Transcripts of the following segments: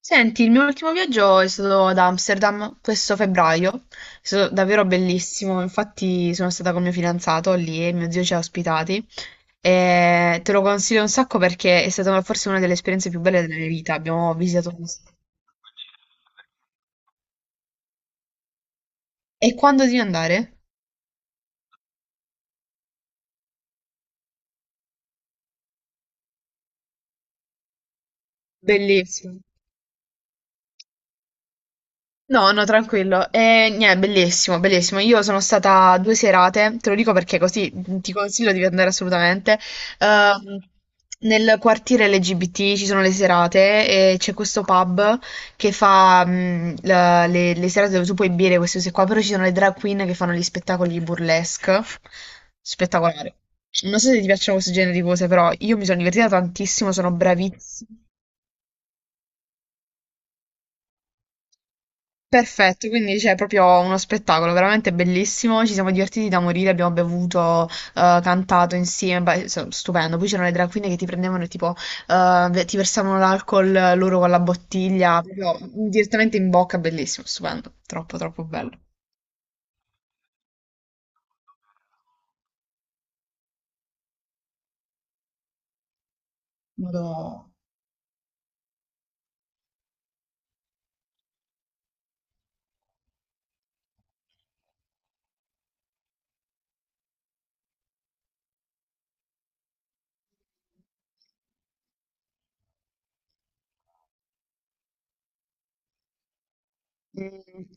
Senti, il mio ultimo viaggio è stato ad Amsterdam questo febbraio, è stato davvero bellissimo, infatti sono stata con mio fidanzato lì e mio zio ci ha ospitati e te lo consiglio un sacco perché è stata forse una delle esperienze più belle della mia vita, abbiamo visitato... E quando devi andare? Bellissimo. No, no, tranquillo. E niente, bellissimo, bellissimo. Io sono stata due serate, te lo dico perché così ti consiglio di andare assolutamente. Ehm, Nel quartiere LGBT ci sono le serate e c'è questo pub che fa le serate dove tu puoi bere queste cose qua, però ci sono le drag queen che fanno gli spettacoli burlesque. Spettacolare. Non so se ti piacciono questo genere di cose, però io mi sono divertita tantissimo, sono bravissima. Perfetto, quindi c'è proprio uno spettacolo veramente bellissimo, ci siamo divertiti da morire, abbiamo bevuto, cantato insieme, beh, so- stupendo. Poi c'erano le drag queen che ti prendevano e tipo ti versavano l'alcol loro con la bottiglia, proprio direttamente in bocca, bellissimo, stupendo, troppo troppo bello. Vado... Mm.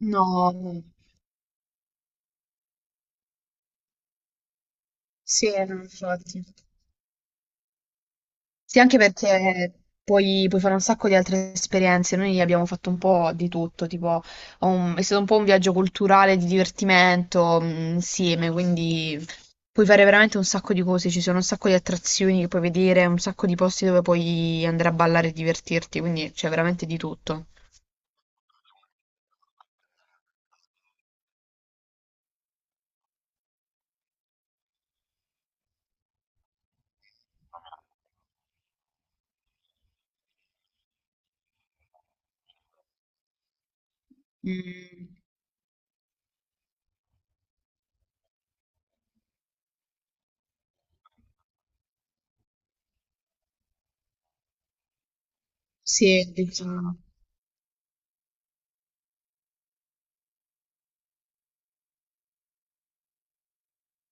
No, no. Sì, no, infatti. Sì, anche perché puoi fare un sacco di altre esperienze. Noi abbiamo fatto un po' di tutto, tipo, un- è stato un po' un viaggio culturale di divertimento, insieme, quindi puoi fare veramente un sacco di cose. Ci sono un sacco di attrazioni che puoi vedere, un sacco di posti dove puoi andare a ballare e divertirti, quindi c'è veramente di tutto. Mm, sì, diciamo.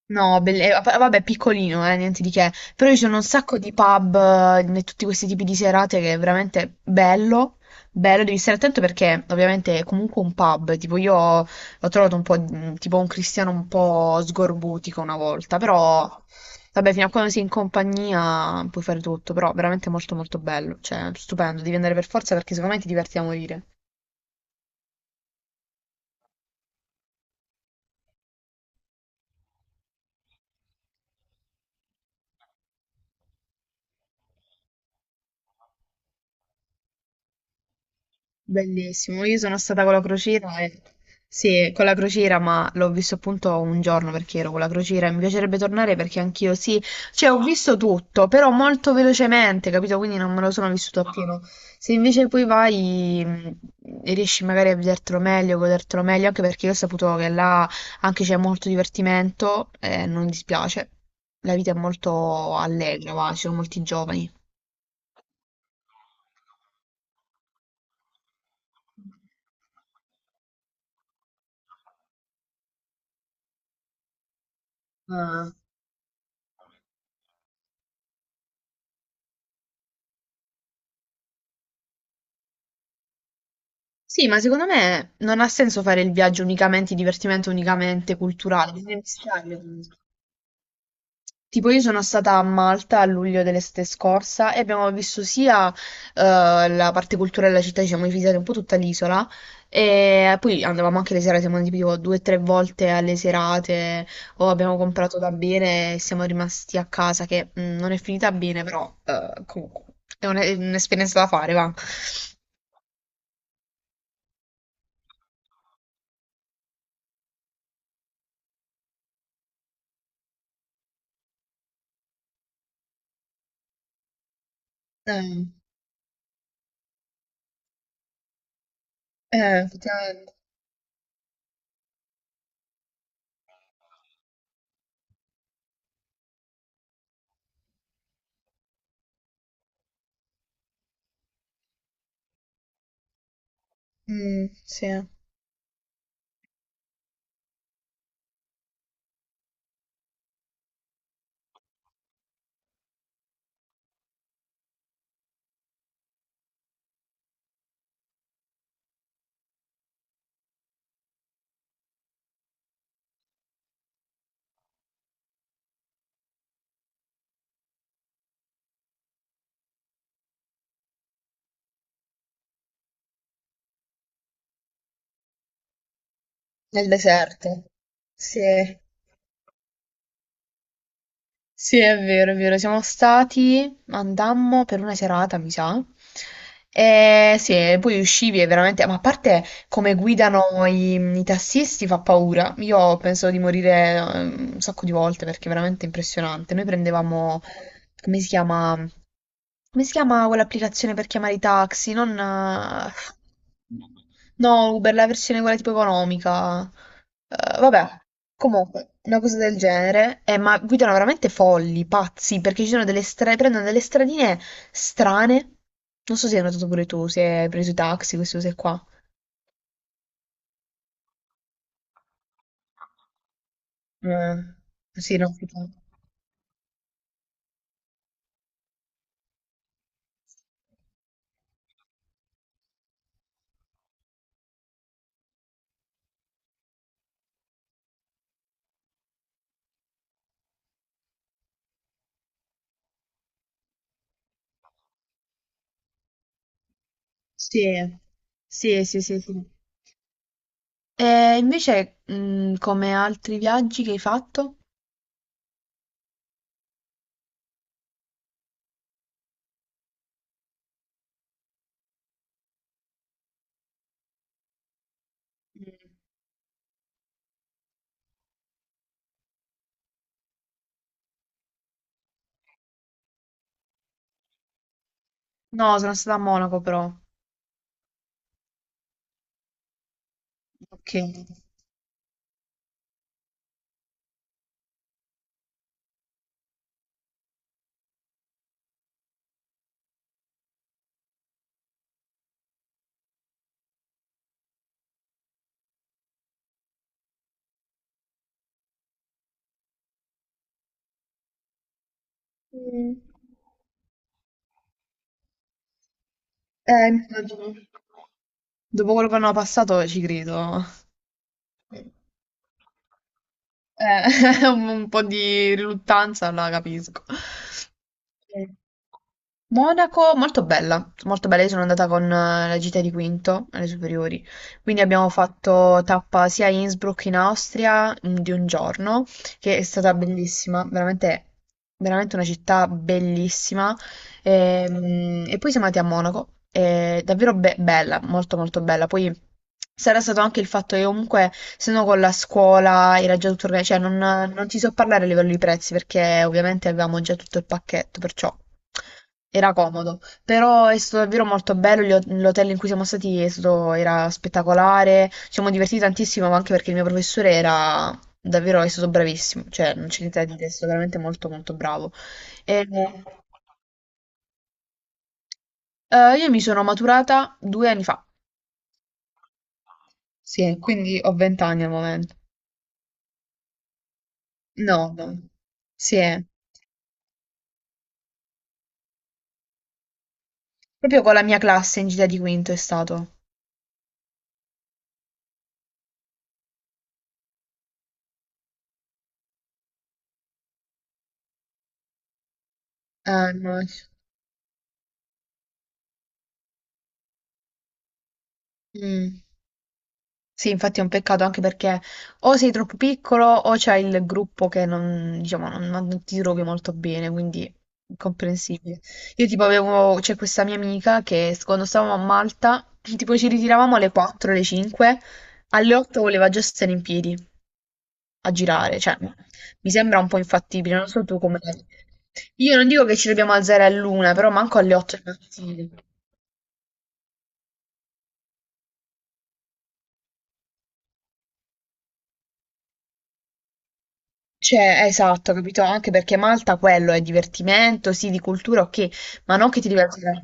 No, belle- va- vabbè, piccolino, niente di che. Però ci sono un sacco di pub e tutti questi tipi di serate che è veramente bello. Bello, devi stare attento perché ovviamente è comunque un pub. Tipo, io l'ho trovato un po' tipo un cristiano un po' sgorbutico una volta. Però, vabbè, fino a quando sei in compagnia puoi fare tutto. Però veramente molto molto bello. Cioè, stupendo, devi andare per forza perché secondo me ti diverti a morire. Bellissimo, io sono stata con la crociera e... Sì, con la crociera, ma l'ho visto appunto un giorno perché ero con la crociera e mi piacerebbe tornare perché anch'io sì, cioè ho visto tutto, però molto velocemente, capito? Quindi non me lo sono vissuto appieno. Se invece poi vai e riesci magari a vedertelo meglio, godertelo meglio, anche perché io ho saputo che là anche c'è molto divertimento e non dispiace. La vita è molto allegra, va, ci sono molti giovani. Ah. Sì, ma secondo me non ha senso fare il viaggio unicamente divertimento, unicamente culturale, bisogna mischiarle comunque. Tipo io sono stata a Malta a luglio dell'estate scorsa e abbiamo visto sia la parte culturale della città, ci siamo visitati un po' tutta l'isola e poi andavamo anche le serate, siamo andati tipo due o tre volte alle serate o abbiamo comprato da bere e siamo rimasti a casa che non è finita bene, però comunque è un- è un'esperienza da fare, va. Eh, effettivamente. Sì. Nel deserto. Sì, sì, è vero, è vero. Siamo stati, andammo per una serata, mi sa. E sì, e poi uscivi e veramente, ma a parte come guidano i tassisti fa paura. Io penso di morire un sacco di volte perché è veramente impressionante. Noi prendevamo, come si chiama? Come si chiama quell'applicazione per chiamare i taxi? Non... no, Uber, la versione quella tipo economica. Vabbè, comunque, una cosa del genere. Ma guidano veramente folli, pazzi, perché ci sono delle stra- prendono delle stradine strane. Non so se hai notato pure tu, se hai preso i taxi, queste cose qua. Eh, sì, no. Tipo... Sì, sì, sì, sì, sì. E invece, come altri viaggi che hai fatto? No, sono stata a Monaco però. Ok. Eh. Mm. Immagino. Dopo quello che hanno passato ci credo. Eh, un po' di riluttanza la capisco. Eh, Monaco, molto bella, molto bella. Io sono andata con la gita di quinto alle superiori, quindi abbiamo fatto tappa sia a Innsbruck in Austria di un giorno, che è stata bellissima, veramente, veramente una città bellissima. E, e poi siamo andati a Monaco, è davvero be- bella, molto molto bella. Poi sarà stato anche il fatto che comunque, se no con la scuola era già tutto organizzato, cioè non ti so parlare a livello di prezzi perché ovviamente avevamo già tutto il pacchetto, perciò era comodo. Però è stato davvero molto bello, gli ho- l'hotel in cui siamo stati è stato- era spettacolare, ci siamo divertiti tantissimo ma anche perché il mio professore era davvero, è stato bravissimo, cioè non c'è niente da dire, è stato veramente molto molto bravo. E... io mi sono maturata due anni fa. Sì, quindi ho 20 anni al momento. No, no. Sì, proprio con la mia classe in gita di quinto è stato. No. Mm. Sì, infatti è un peccato anche perché o sei troppo piccolo o c'è il gruppo che non, diciamo, non, non ti trovi molto bene, quindi incomprensibile. Io tipo avevo, c'è questa mia amica che quando stavamo a Malta, tipo ci ritiravamo alle 4, alle 5, alle 8 voleva già stare in piedi, a girare, cioè mi sembra un po' infattibile, non so tu come la vedi. Io non dico che ci dobbiamo alzare all'una, però manco alle 8 del mattino. Cioè, esatto, capito? Anche perché Malta quello è divertimento, sì, di cultura, ok, ma non che ti devi alzare.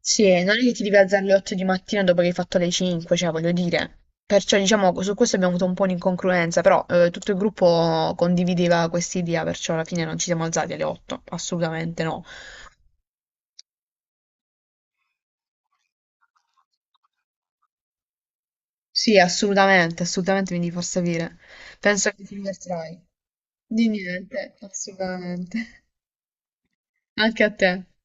Sì, non è che ti devi alzare alle 8 di mattina dopo che hai fatto le 5, cioè, voglio dire. Perciò, diciamo, su questo abbiamo avuto un po' un'incongruenza, però tutto il gruppo condivideva questa idea, perciò alla fine non ci siamo alzati alle 8, assolutamente no. Sì, assolutamente, assolutamente mi devi far sapere. Penso che ti divertirai. Di niente, assolutamente. Anche a te.